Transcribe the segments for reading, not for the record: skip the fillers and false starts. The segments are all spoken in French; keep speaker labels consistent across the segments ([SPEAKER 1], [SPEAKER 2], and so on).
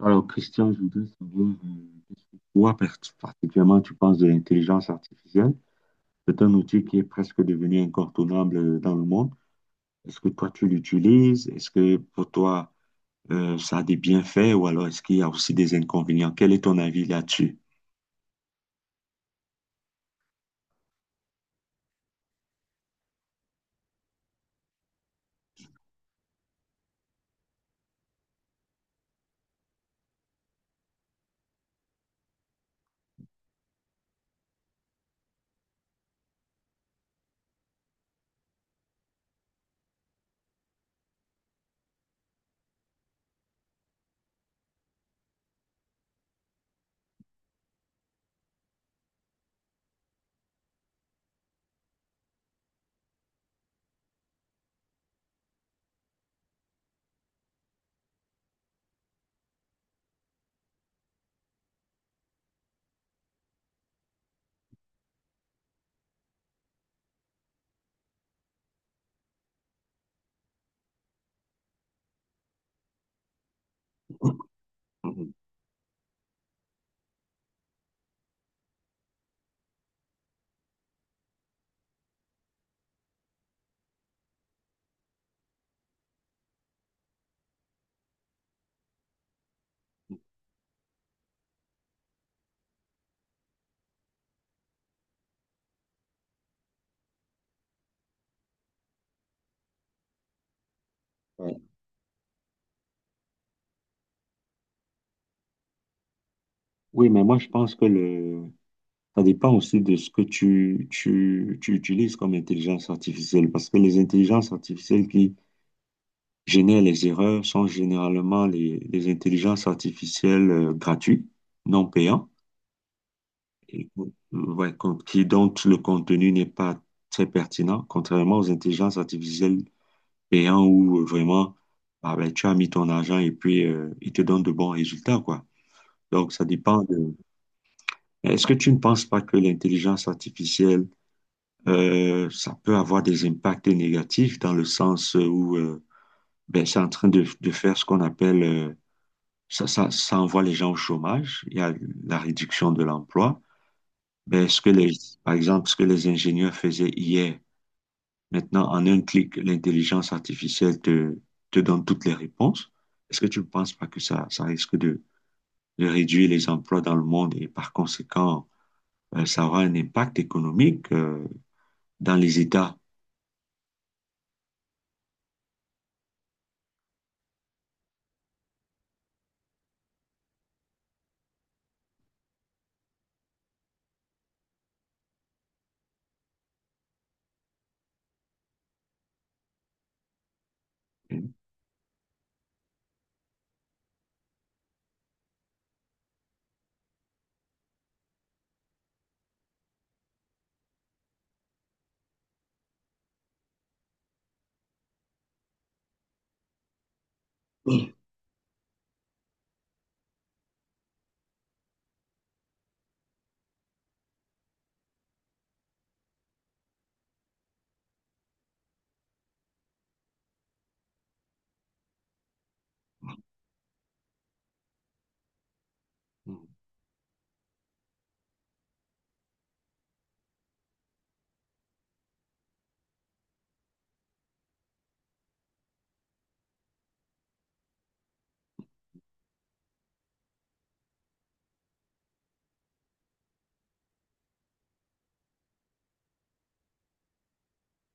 [SPEAKER 1] Alors, Christian, je voudrais savoir pourquoi particulièrement tu penses de l'intelligence artificielle. C'est un outil qui est presque devenu incontournable dans le monde. Est-ce que toi, tu l'utilises? Est-ce que pour toi, ça a des bienfaits ou alors est-ce qu'il y a aussi des inconvénients? Quel est ton avis là-dessus? Mhm. Ouais. Oui, mais moi, je pense que le... ça dépend aussi de ce que tu utilises comme intelligence artificielle, parce que les intelligences artificielles qui génèrent les erreurs sont généralement les intelligences artificielles gratuites, non payantes, et, ouais, qui, dont le contenu n'est pas très pertinent, contrairement aux intelligences artificielles payantes où vraiment ah ben, tu as mis ton argent et puis ils te donnent de bons résultats, quoi. Donc, ça dépend de... Est-ce que tu ne penses pas que l'intelligence artificielle, ça peut avoir des impacts négatifs dans le sens où ben, c'est en train de faire ce qu'on appelle... ça envoie les gens au chômage. Il y a la réduction de l'emploi. Ben, ce que les, Par exemple, ce que les ingénieurs faisaient hier, maintenant, en un clic, l'intelligence artificielle te donne toutes les réponses. Est-ce que tu ne penses pas que ça risque de réduire les emplois dans le monde et par conséquent, ça aura un impact économique, dans les États? Mhm.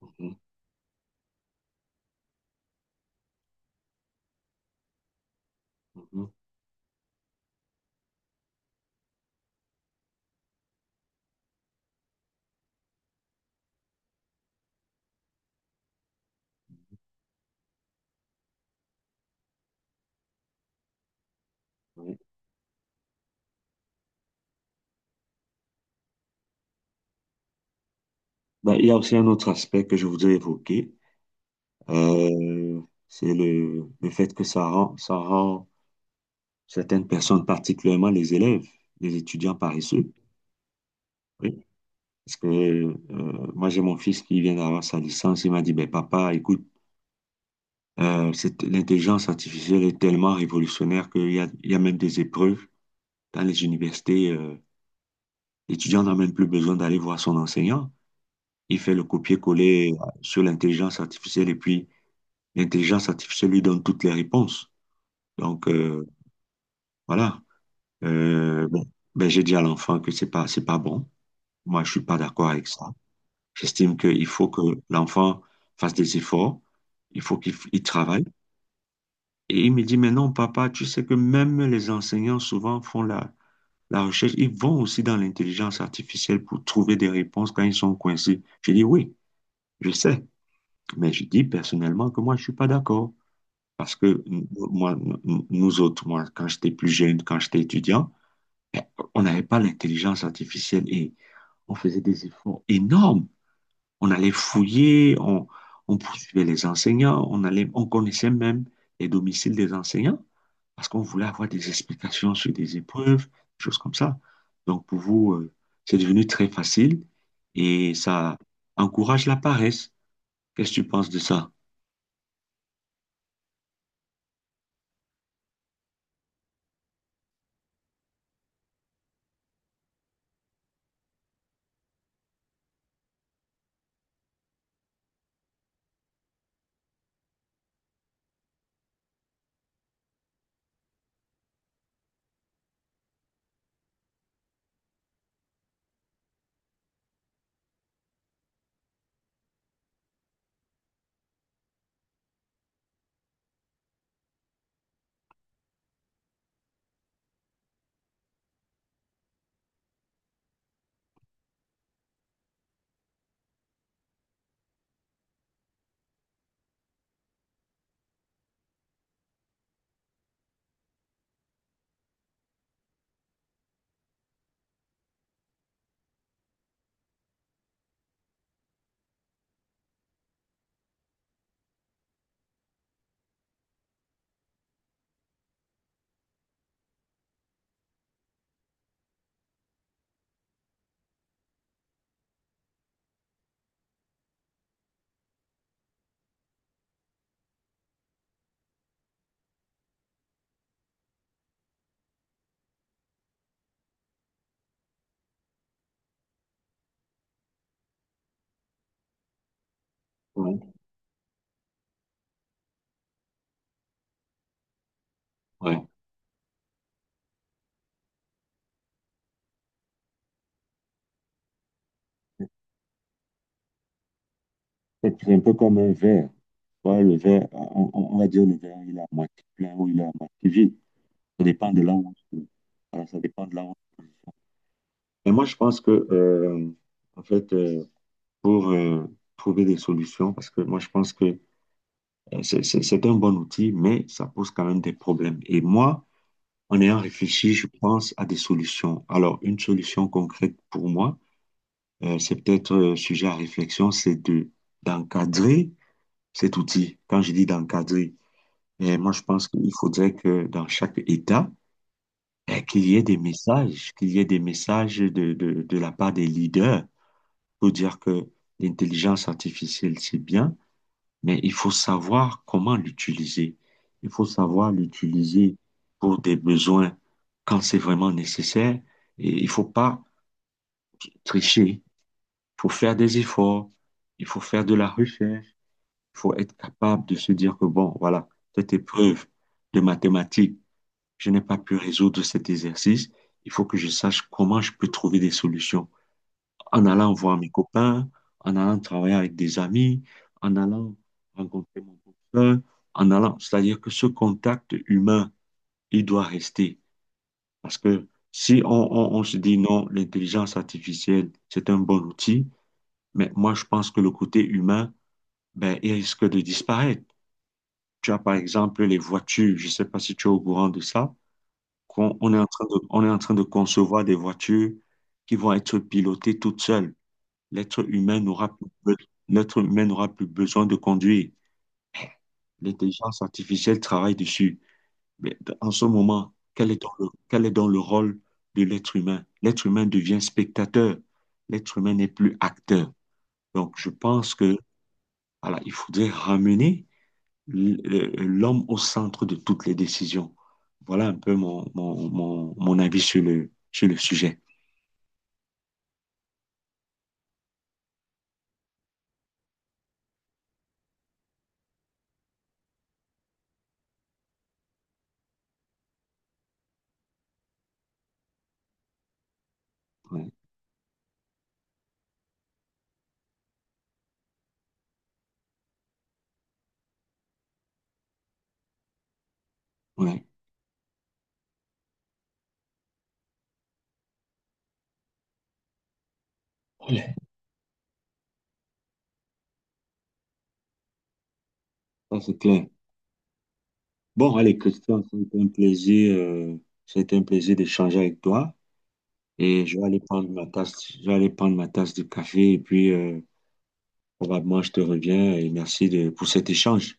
[SPEAKER 1] Mhm. Mhm. Oui. Ben, il y a aussi un autre aspect que je voudrais évoquer. Euh, c'est le fait que ça rend certaines personnes, particulièrement les élèves, les étudiants paresseux. Oui. Parce que moi, j'ai mon fils qui vient d'avoir sa licence. Il m'a dit, ben, papa, écoute, l'intelligence artificielle est tellement révolutionnaire qu'il y a, il y a même des épreuves dans les universités. L'étudiant n'a même plus besoin d'aller voir son enseignant. Il fait le copier-coller sur l'intelligence artificielle et puis l'intelligence artificielle lui donne toutes les réponses. Donc, voilà. Bon, ben j'ai dit à l'enfant que c'est pas bon. Moi, je suis pas d'accord avec ça. J'estime qu'il faut que l'enfant fasse des efforts. Il faut qu'il travaille. Et il me dit, mais non, papa, tu sais que même les enseignants souvent font la recherche. Ils vont aussi dans l'intelligence artificielle pour trouver des réponses quand ils sont coincés. J'ai dit, oui, je sais. Mais je dis personnellement que moi, je suis pas d'accord. Parce que nous autres, moi, quand j'étais plus jeune, quand j'étais étudiant, on n'avait pas l'intelligence artificielle et on faisait des efforts énormes. On allait fouiller, on poursuivait les enseignants, on connaissait même les domiciles des enseignants parce qu'on voulait avoir des explications sur des épreuves, des choses comme ça. Donc pour vous, c'est devenu très facile et ça encourage la paresse. Qu'est-ce que tu penses de ça? Ouais. Ouais. C'est un peu comme un verre. Ouais, le verre, on va dire le verre, il est à moitié plein ou il est à moitié vide. Ça dépend de là où on se trouve. Voilà, ça dépend de là où on se trouve. Et moi, je pense que, en fait, pour trouver des solutions, parce que moi, je pense que c'est un bon outil, mais ça pose quand même des problèmes. Et moi, en ayant réfléchi, je pense à des solutions. Alors, une solution concrète pour moi, c'est peut-être sujet à réflexion, c'est de d'encadrer cet outil. Quand je dis d'encadrer, eh, moi, je pense qu'il faudrait que dans chaque État, eh, qu'il y ait des messages, qu'il y ait des messages de la part des leaders pour dire que l'intelligence artificielle, c'est bien, mais il faut savoir comment l'utiliser. Il faut savoir l'utiliser pour des besoins quand c'est vraiment nécessaire. Et il faut pas tricher. Il faut faire des efforts. Il faut faire de la recherche. Il faut être capable de se dire que, bon, voilà, cette épreuve de mathématiques, je n'ai pas pu résoudre cet exercice, il faut que je sache comment je peux trouver des solutions. En allant voir mes copains, en allant travailler avec des amis, en allant rencontrer mon copain, en allant, c'est-à-dire que ce contact humain, il doit rester. Parce que si on se dit non, l'intelligence artificielle, c'est un bon outil, mais moi, je pense que le côté humain, ben, il risque de disparaître. Tu as par exemple les voitures, je ne sais pas si tu es au courant de ça, on est en train on est en train de concevoir des voitures qui vont être pilotées toutes seules. L'être humain n'aura plus, be- L'être humain n'aura plus besoin de conduire. L'intelligence artificielle travaille dessus. Mais en ce moment, quel est donc quel est donc le rôle de l'être humain? L'être humain devient spectateur. L'être humain n'est plus acteur. Donc, je pense que, voilà, il faudrait ramener l'homme au centre de toutes les décisions. Voilà un peu mon avis sur sur le sujet. Ouais, ouais, Allez. Ça c'est clair. Bon, allez, Christian, ça a été un plaisir, d'échanger avec toi. Et je vais aller prendre ma tasse, je vais aller prendre ma tasse de café et puis probablement je te reviens et merci pour cet échange.